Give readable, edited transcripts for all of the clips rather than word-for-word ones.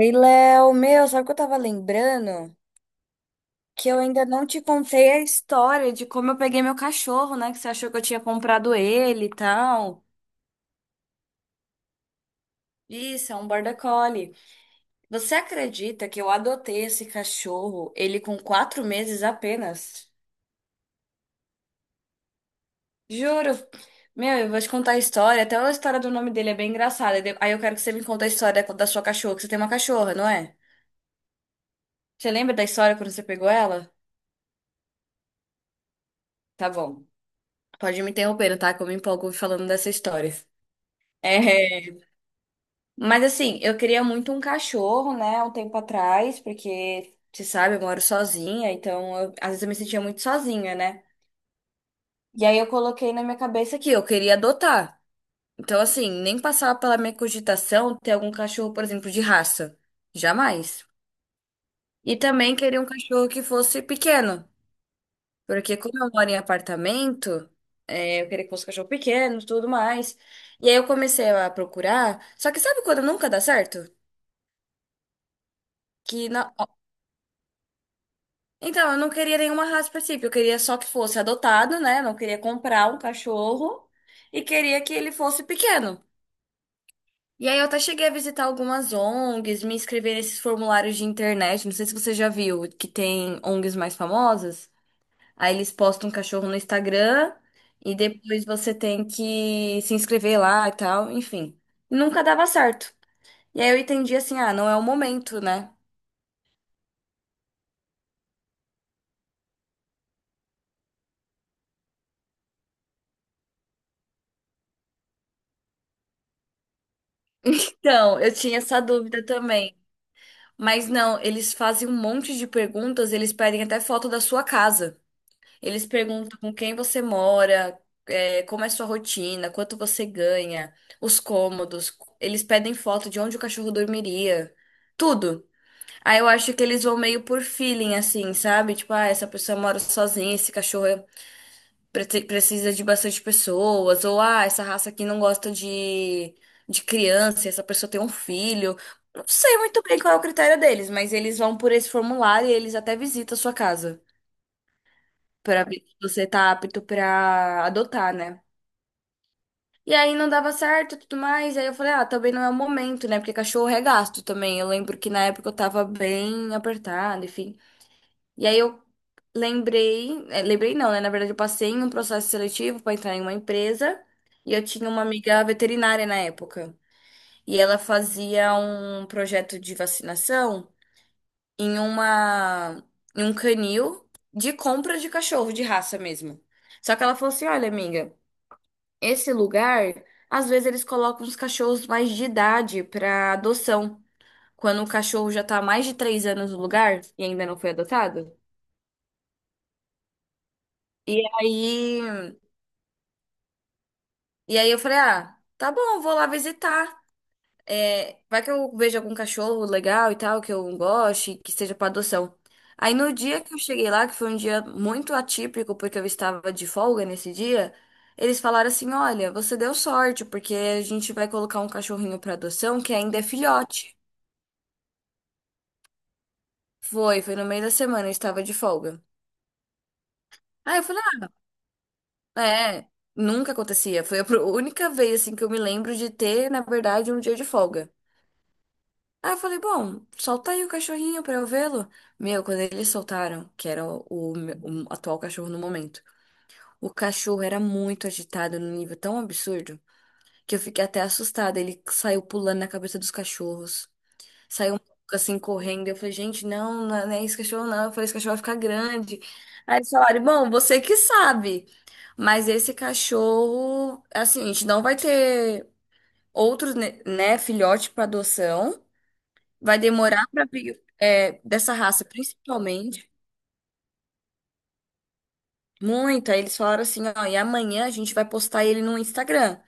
Ei, Léo, meu, sabe o que eu tava lembrando? Que eu ainda não te contei a história de como eu peguei meu cachorro, né? Que você achou que eu tinha comprado ele e tal. Isso, é um border collie. Você acredita que eu adotei esse cachorro, ele com quatro meses apenas? Juro. Meu, eu vou te contar a história. Até a história do nome dele é bem engraçada. Aí eu quero que você me conte a história da sua cachorra, que você tem uma cachorra, não é? Você lembra da história quando você pegou ela? Tá bom. Pode me interromper, tá? Que eu me empolgo falando dessa história. É, mas assim, eu queria muito um cachorro, né, há um tempo atrás, porque, você sabe, eu moro sozinha, então às vezes eu me sentia muito sozinha, né? E aí eu coloquei na minha cabeça que eu queria adotar. Então, assim, nem passava pela minha cogitação ter algum cachorro, por exemplo, de raça. Jamais. E também queria um cachorro que fosse pequeno, porque como eu moro em apartamento, é, eu queria que fosse um cachorro pequeno, tudo mais. E aí eu comecei a procurar, só que sabe quando nunca dá certo? Que não. Então, eu não queria nenhuma raça específica, eu queria só que fosse adotado, né? Não queria comprar um cachorro e queria que ele fosse pequeno. E aí eu até cheguei a visitar algumas ONGs, me inscrever nesses formulários de internet. Não sei se você já viu que tem ONGs mais famosas. Aí eles postam um cachorro no Instagram e depois você tem que se inscrever lá e tal, enfim. Nunca dava certo. E aí eu entendi assim, ah, não é o momento, né? Então, eu tinha essa dúvida também. Mas não, eles fazem um monte de perguntas, eles pedem até foto da sua casa. Eles perguntam com quem você mora, é, como é sua rotina, quanto você ganha, os cômodos. Eles pedem foto de onde o cachorro dormiria, tudo. Aí eu acho que eles vão meio por feeling, assim, sabe? Tipo, ah, essa pessoa mora sozinha, esse cachorro é precisa de bastante pessoas, ou ah, essa raça aqui não gosta de criança, e essa pessoa tem um filho. Não sei muito bem qual é o critério deles, mas eles vão por esse formulário e eles até visitam a sua casa para ver se você tá apto para adotar, né? E aí não dava certo e tudo mais. Aí eu falei, ah, também não é o momento, né? Porque cachorro é gasto também. Eu lembro que na época eu tava bem apertada, enfim. E aí eu lembrei, lembrei não, né? Na verdade, eu passei em um processo seletivo para entrar em uma empresa e eu tinha uma amiga veterinária na época. E ela fazia um projeto de vacinação em uma em um canil de compra de cachorro de raça mesmo. Só que ela falou assim: "Olha, amiga, esse lugar, às vezes eles colocam os cachorros mais de idade para adoção, quando o cachorro já tá há mais de três anos no lugar e ainda não foi adotado." E aí E aí eu falei, ah, tá bom, vou lá visitar. É, vai que eu vejo algum cachorro legal e tal, que eu goste, que seja para adoção. Aí no dia que eu cheguei lá, que foi um dia muito atípico, porque eu estava de folga nesse dia, eles falaram assim, olha, você deu sorte, porque a gente vai colocar um cachorrinho para adoção que ainda é filhote. Foi no meio da semana, eu estava de folga. Aí eu falei, ah, é, nunca acontecia. Foi a única vez, assim, que eu me lembro de ter, na verdade, um dia de folga. Aí eu falei, bom, solta aí o cachorrinho pra eu vê-lo. Meu, quando eles soltaram, que era o me- o atual cachorro no momento, o cachorro era muito agitado num nível tão absurdo que eu fiquei até assustada. Ele saiu pulando na cabeça dos cachorros, saiu um pouco assim correndo. Eu falei, gente, não, não é esse cachorro, não. Eu falei, esse cachorro vai ficar grande. Aí eles falaram, bom, você que sabe, mas esse cachorro, assim, a gente não vai ter outros, filhote pra adoção. Vai demorar para é, dessa raça, principalmente. Muito. Aí eles falaram assim, ó, e amanhã a gente vai postar ele no Instagram.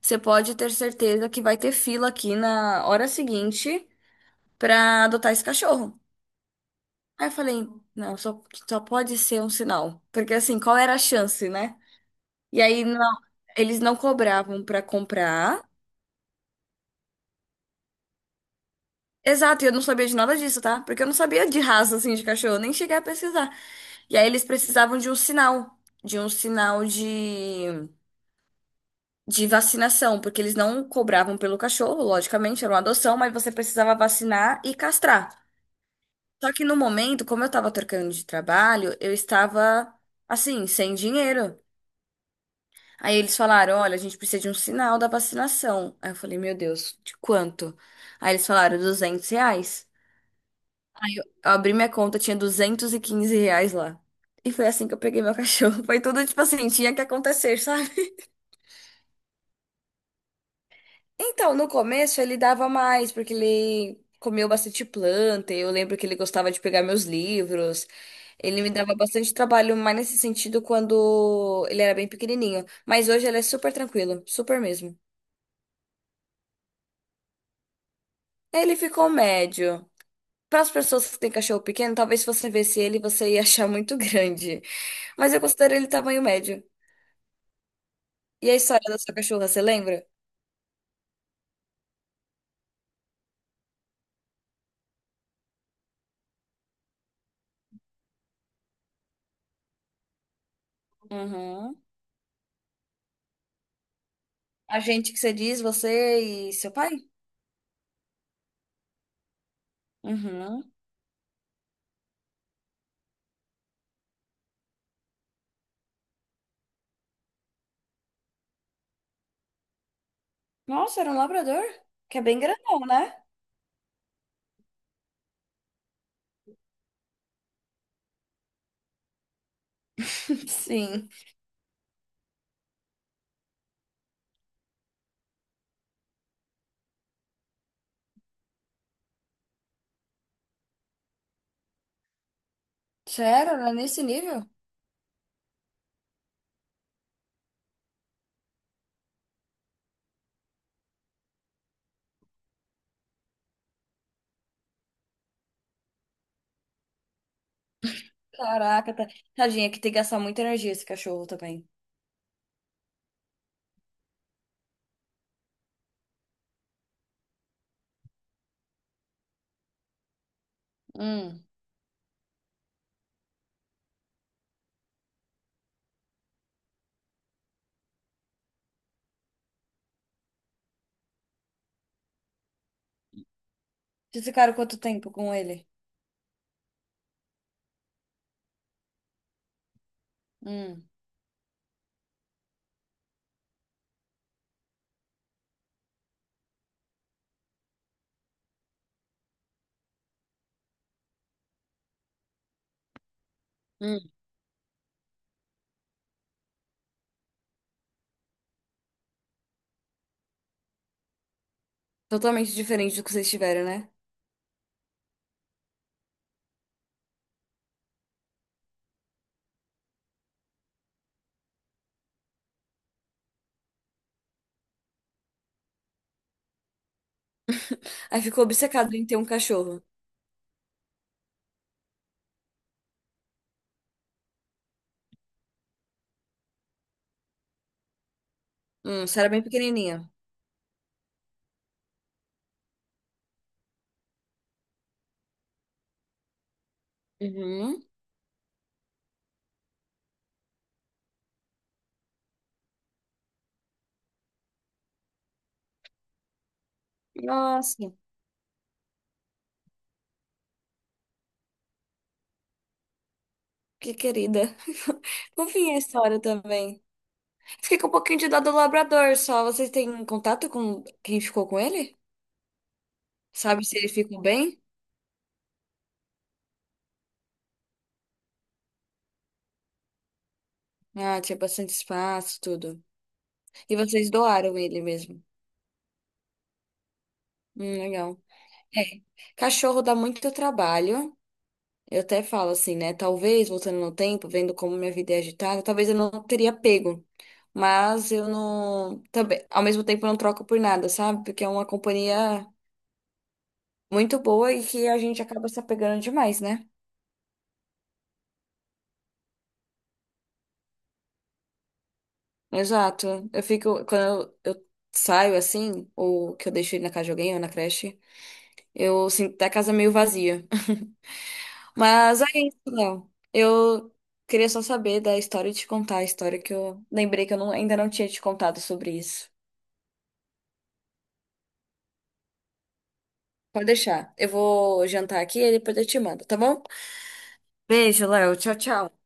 Você pode ter certeza que vai ter fila aqui na hora seguinte pra adotar esse cachorro. Aí eu falei, não, só pode ser um sinal. Porque assim, qual era a chance, né? E aí não, eles não cobravam pra comprar. Exato, e eu não sabia de nada disso, tá? Porque eu não sabia de raça assim de cachorro, nem cheguei a pesquisar. E aí eles precisavam de um sinal, de um sinal de vacinação, porque eles não cobravam pelo cachorro, logicamente, era uma adoção, mas você precisava vacinar e castrar. Só que no momento, como eu estava trocando de trabalho, eu estava assim, sem dinheiro. Aí eles falaram: olha, a gente precisa de um sinal da vacinação. Aí eu falei: meu Deus, de quanto? Aí eles falaram: 200 reais. Aí eu abri minha conta, tinha 215 reais lá. E foi assim que eu peguei meu cachorro. Foi tudo, tipo assim, tinha que acontecer. Então, no começo ele dava mais, porque ele comeu bastante planta. Eu lembro que ele gostava de pegar meus livros. Ele me dava bastante trabalho, mais nesse sentido, quando ele era bem pequenininho. Mas hoje ele é super tranquilo, super mesmo. Ele ficou médio. Para as pessoas que têm cachorro pequeno, talvez se você visse ele, você ia achar muito grande. Mas eu considero ele tamanho médio. E a história da sua cachorra, você lembra? Uhum. A gente que você diz, você e seu pai? Uhum. Nossa, era um labrador? Que é bem grandão, né? Sim. Sério? Era né? Nesse nível? Caraca, tá... tadinha, que tem que gastar muita energia esse cachorro também. Hum. Vocês ficaram quanto tempo com ele? Hum. Hum. Totalmente diferente do que vocês tiveram, né? Aí ficou obcecado em ter um cachorro. Você era bem pequenininha. Uhum. Nossa, que querida. Fofinha a história também. Fiquei com um pouquinho de dó do labrador só. Vocês têm contato com quem ficou com ele? Sabe se ele ficou bem? Ah, tinha bastante espaço, tudo. E vocês doaram ele mesmo. Legal. É. Cachorro dá muito trabalho. Eu até falo assim, né? Talvez, voltando no tempo, vendo como minha vida é agitada, talvez eu não teria pego. Mas eu não. Também, ao mesmo tempo, eu não troco por nada, sabe? Porque é uma companhia muito boa e que a gente acaba se apegando demais, né? Exato. Eu fico. Quando eu saio assim, ou que eu deixo ele na casa de alguém ou na creche, eu sinto até a casa meio vazia. Mas é isso, Léo. Eu queria só saber da história e te contar a história que eu lembrei que eu ainda não tinha te contado sobre isso. Pode deixar. Eu vou jantar aqui e depois eu te mando, tá bom? Beijo, Léo. Tchau, tchau.